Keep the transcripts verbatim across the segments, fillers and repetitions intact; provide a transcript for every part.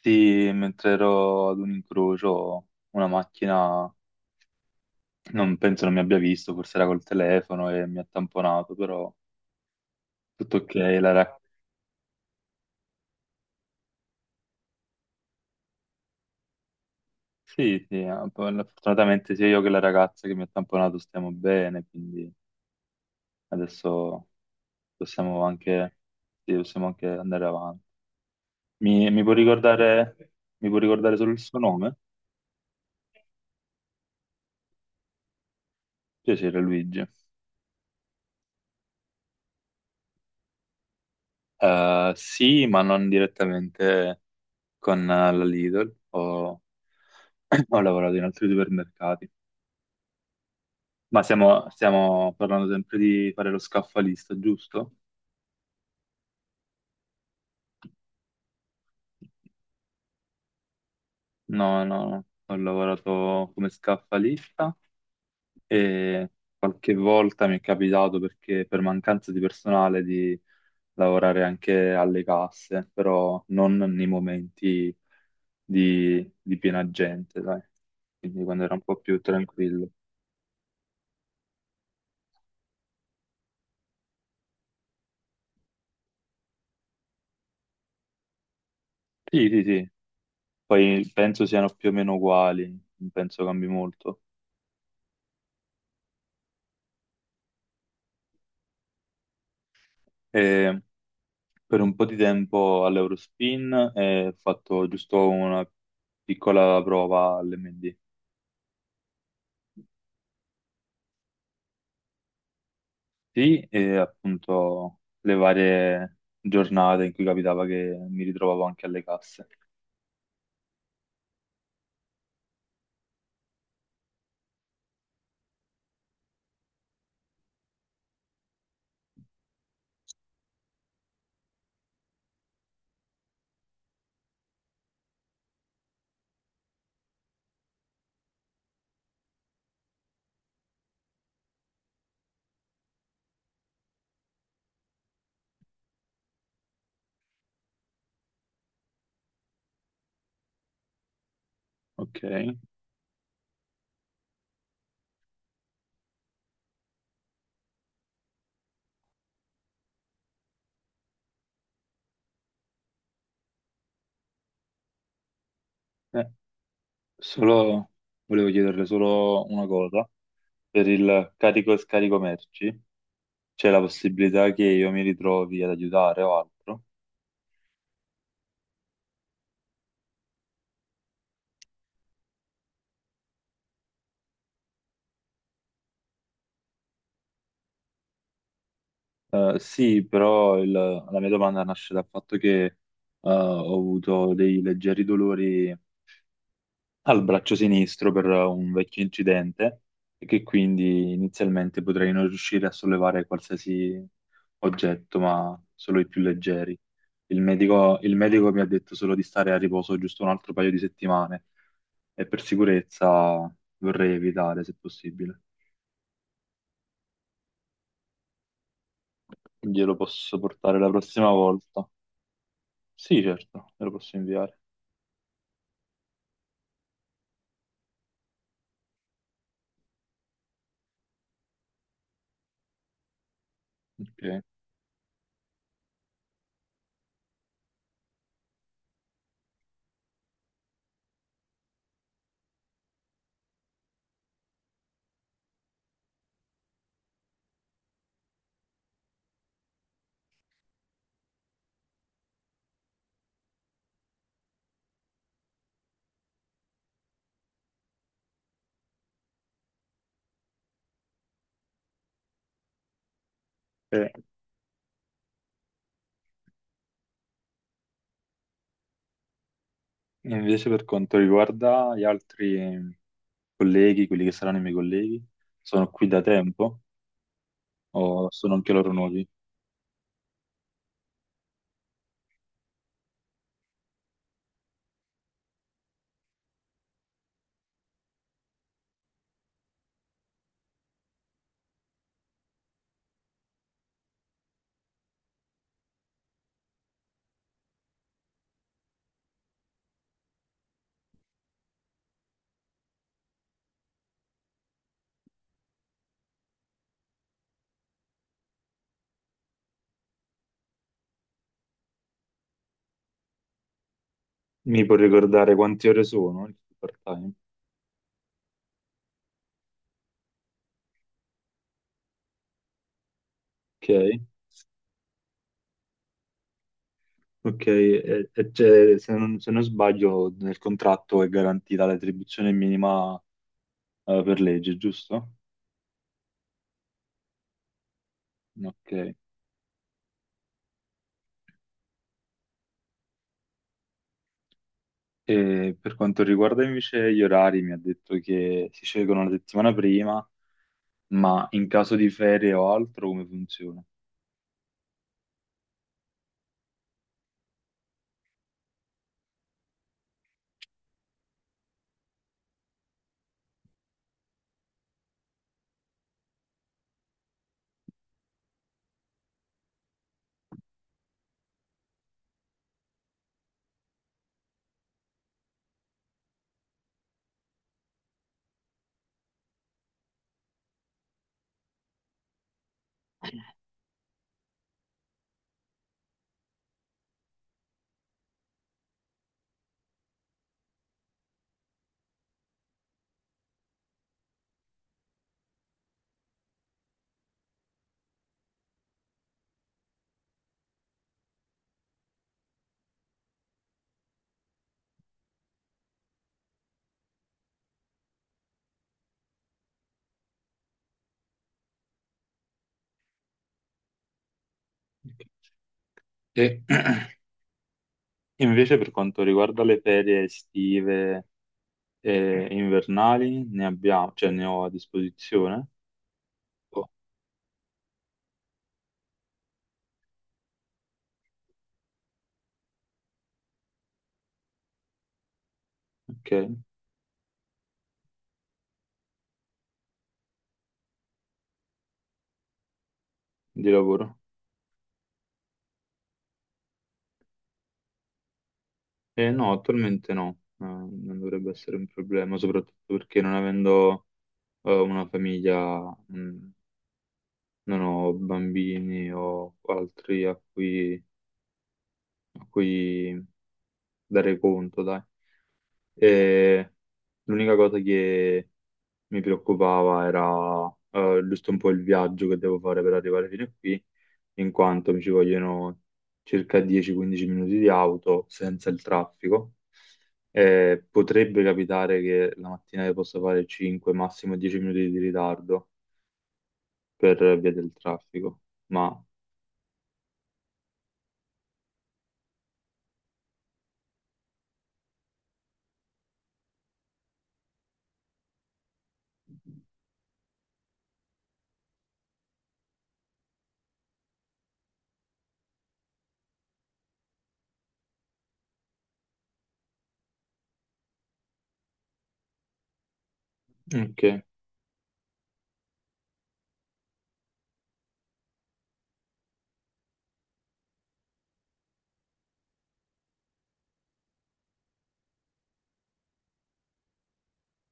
Sì, mentre ero ad un incrocio, una macchina non penso non mi abbia visto, forse era col telefono e mi ha tamponato, però tutto ok. La ra- sì, sì, eh, poi fortunatamente sia io che la ragazza che mi ha tamponato stiamo bene, quindi adesso possiamo anche, sì, possiamo anche andare avanti. Mi, mi può ricordare, mi può ricordare solo il suo nome? Piacere, Luigi. Eh, sì, ma non direttamente con eh, la Lidl o ho lavorato in altri supermercati, ma stiamo, stiamo parlando sempre di fare lo scaffalista, giusto? No, no, no. Ho lavorato come scaffalista e qualche volta mi è capitato perché per mancanza di personale di lavorare anche alle casse, però non nei momenti di, di piena gente, dai. Quindi quando era un po' più tranquillo. Sì, sì, sì. Poi penso siano più o meno uguali, non penso cambi molto. E per un po' di tempo all'Eurospin e ho fatto giusto una piccola prova all'M D. Sì, e appunto le varie giornate in cui capitava che mi ritrovavo anche alle casse. Ok, Eh, solo volevo chiederle solo una cosa. Per il carico e scarico merci c'è la possibilità che io mi ritrovi ad aiutare o altro? Eh, sì, però il- la mia domanda nasce dal fatto che eh, ho avuto dei leggeri dolori al braccio sinistro per un vecchio incidente e che quindi inizialmente potrei non riuscire a sollevare qualsiasi oggetto, ma solo i più leggeri. Il medico, il medico mi ha detto solo di stare a riposo giusto un altro paio di settimane e per sicurezza vorrei evitare, se possibile. Glielo posso portare la prossima volta? Sì, certo, me lo posso inviare. Ok. E invece per quanto riguarda gli altri colleghi, quelli che saranno i miei colleghi, sono qui da tempo o sono anche loro nuovi? Mi puoi ricordare quante ore sono il part-time? Ok, ok, e, e c'è- se non, se non sbaglio nel contratto è garantita l'attribuzione minima eh, per legge, giusto? Ok. E per quanto riguarda invece gli orari, mi ha detto che si scelgono la settimana prima, ma in caso di ferie o altro come funziona? E invece per quanto riguarda le ferie estive e invernali, ne abbiamo, cioè ne ho a disposizione. Oh, ok, di lavoro. Eh, no, attualmente no. Eh, non dovrebbe essere un problema, soprattutto perché non avendo eh, una famiglia, mh, non ho bambini o altri a cui, a cui dare conto, dai. E l'unica cosa che mi preoccupava era eh, giusto un po' il viaggio che devo fare per arrivare fino a qui, in quanto mi ci vogliono circa dieci quindici minuti di auto senza il traffico. Eh, potrebbe capitare che la mattina io possa fare cinque, massimo dieci minuti di ritardo per via del traffico, ma ok,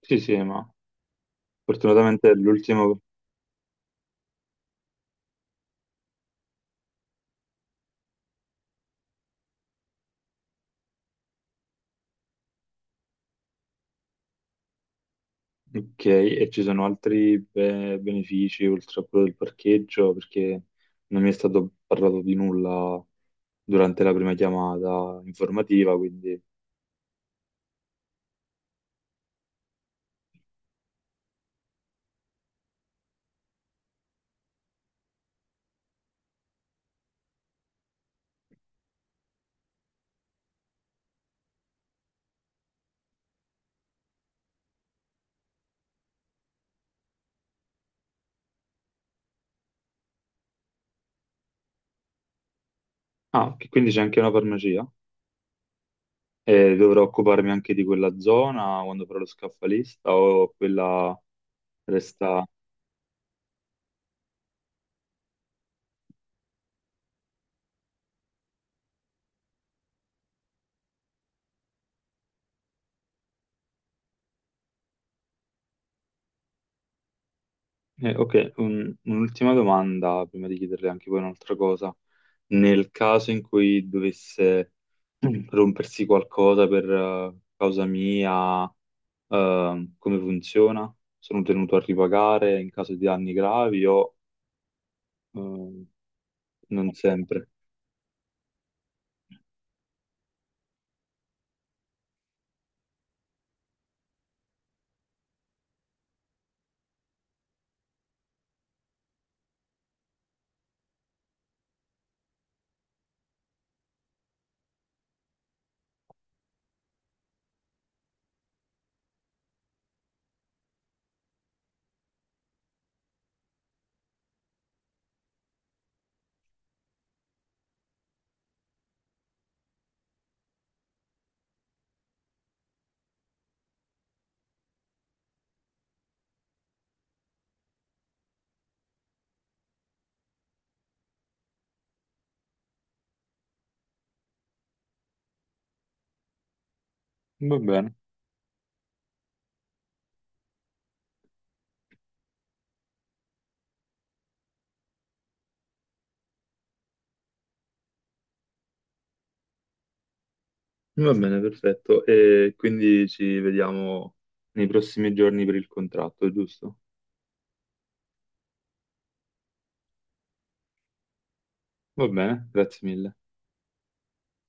sì, sì, ma fortunatamente è l'ultimo. Ok, e ci sono altri be- benefici oltre a quello del parcheggio, perché non mi è stato parlato di nulla durante la prima chiamata informativa, quindi... Ah, che quindi c'è anche una farmacia e dovrò occuparmi anche di quella zona quando farò lo scaffalista o quella resta... Eh, ok, un- un'ultima domanda prima di chiederle anche poi un'altra cosa. Nel caso in cui dovesse rompersi qualcosa per eh, causa mia, eh, come funziona? Sono tenuto a ripagare in caso di danni gravi o eh, non sempre? Va bene. Va bene, perfetto. E quindi ci vediamo nei prossimi giorni per il contratto, giusto? Va bene, grazie mille.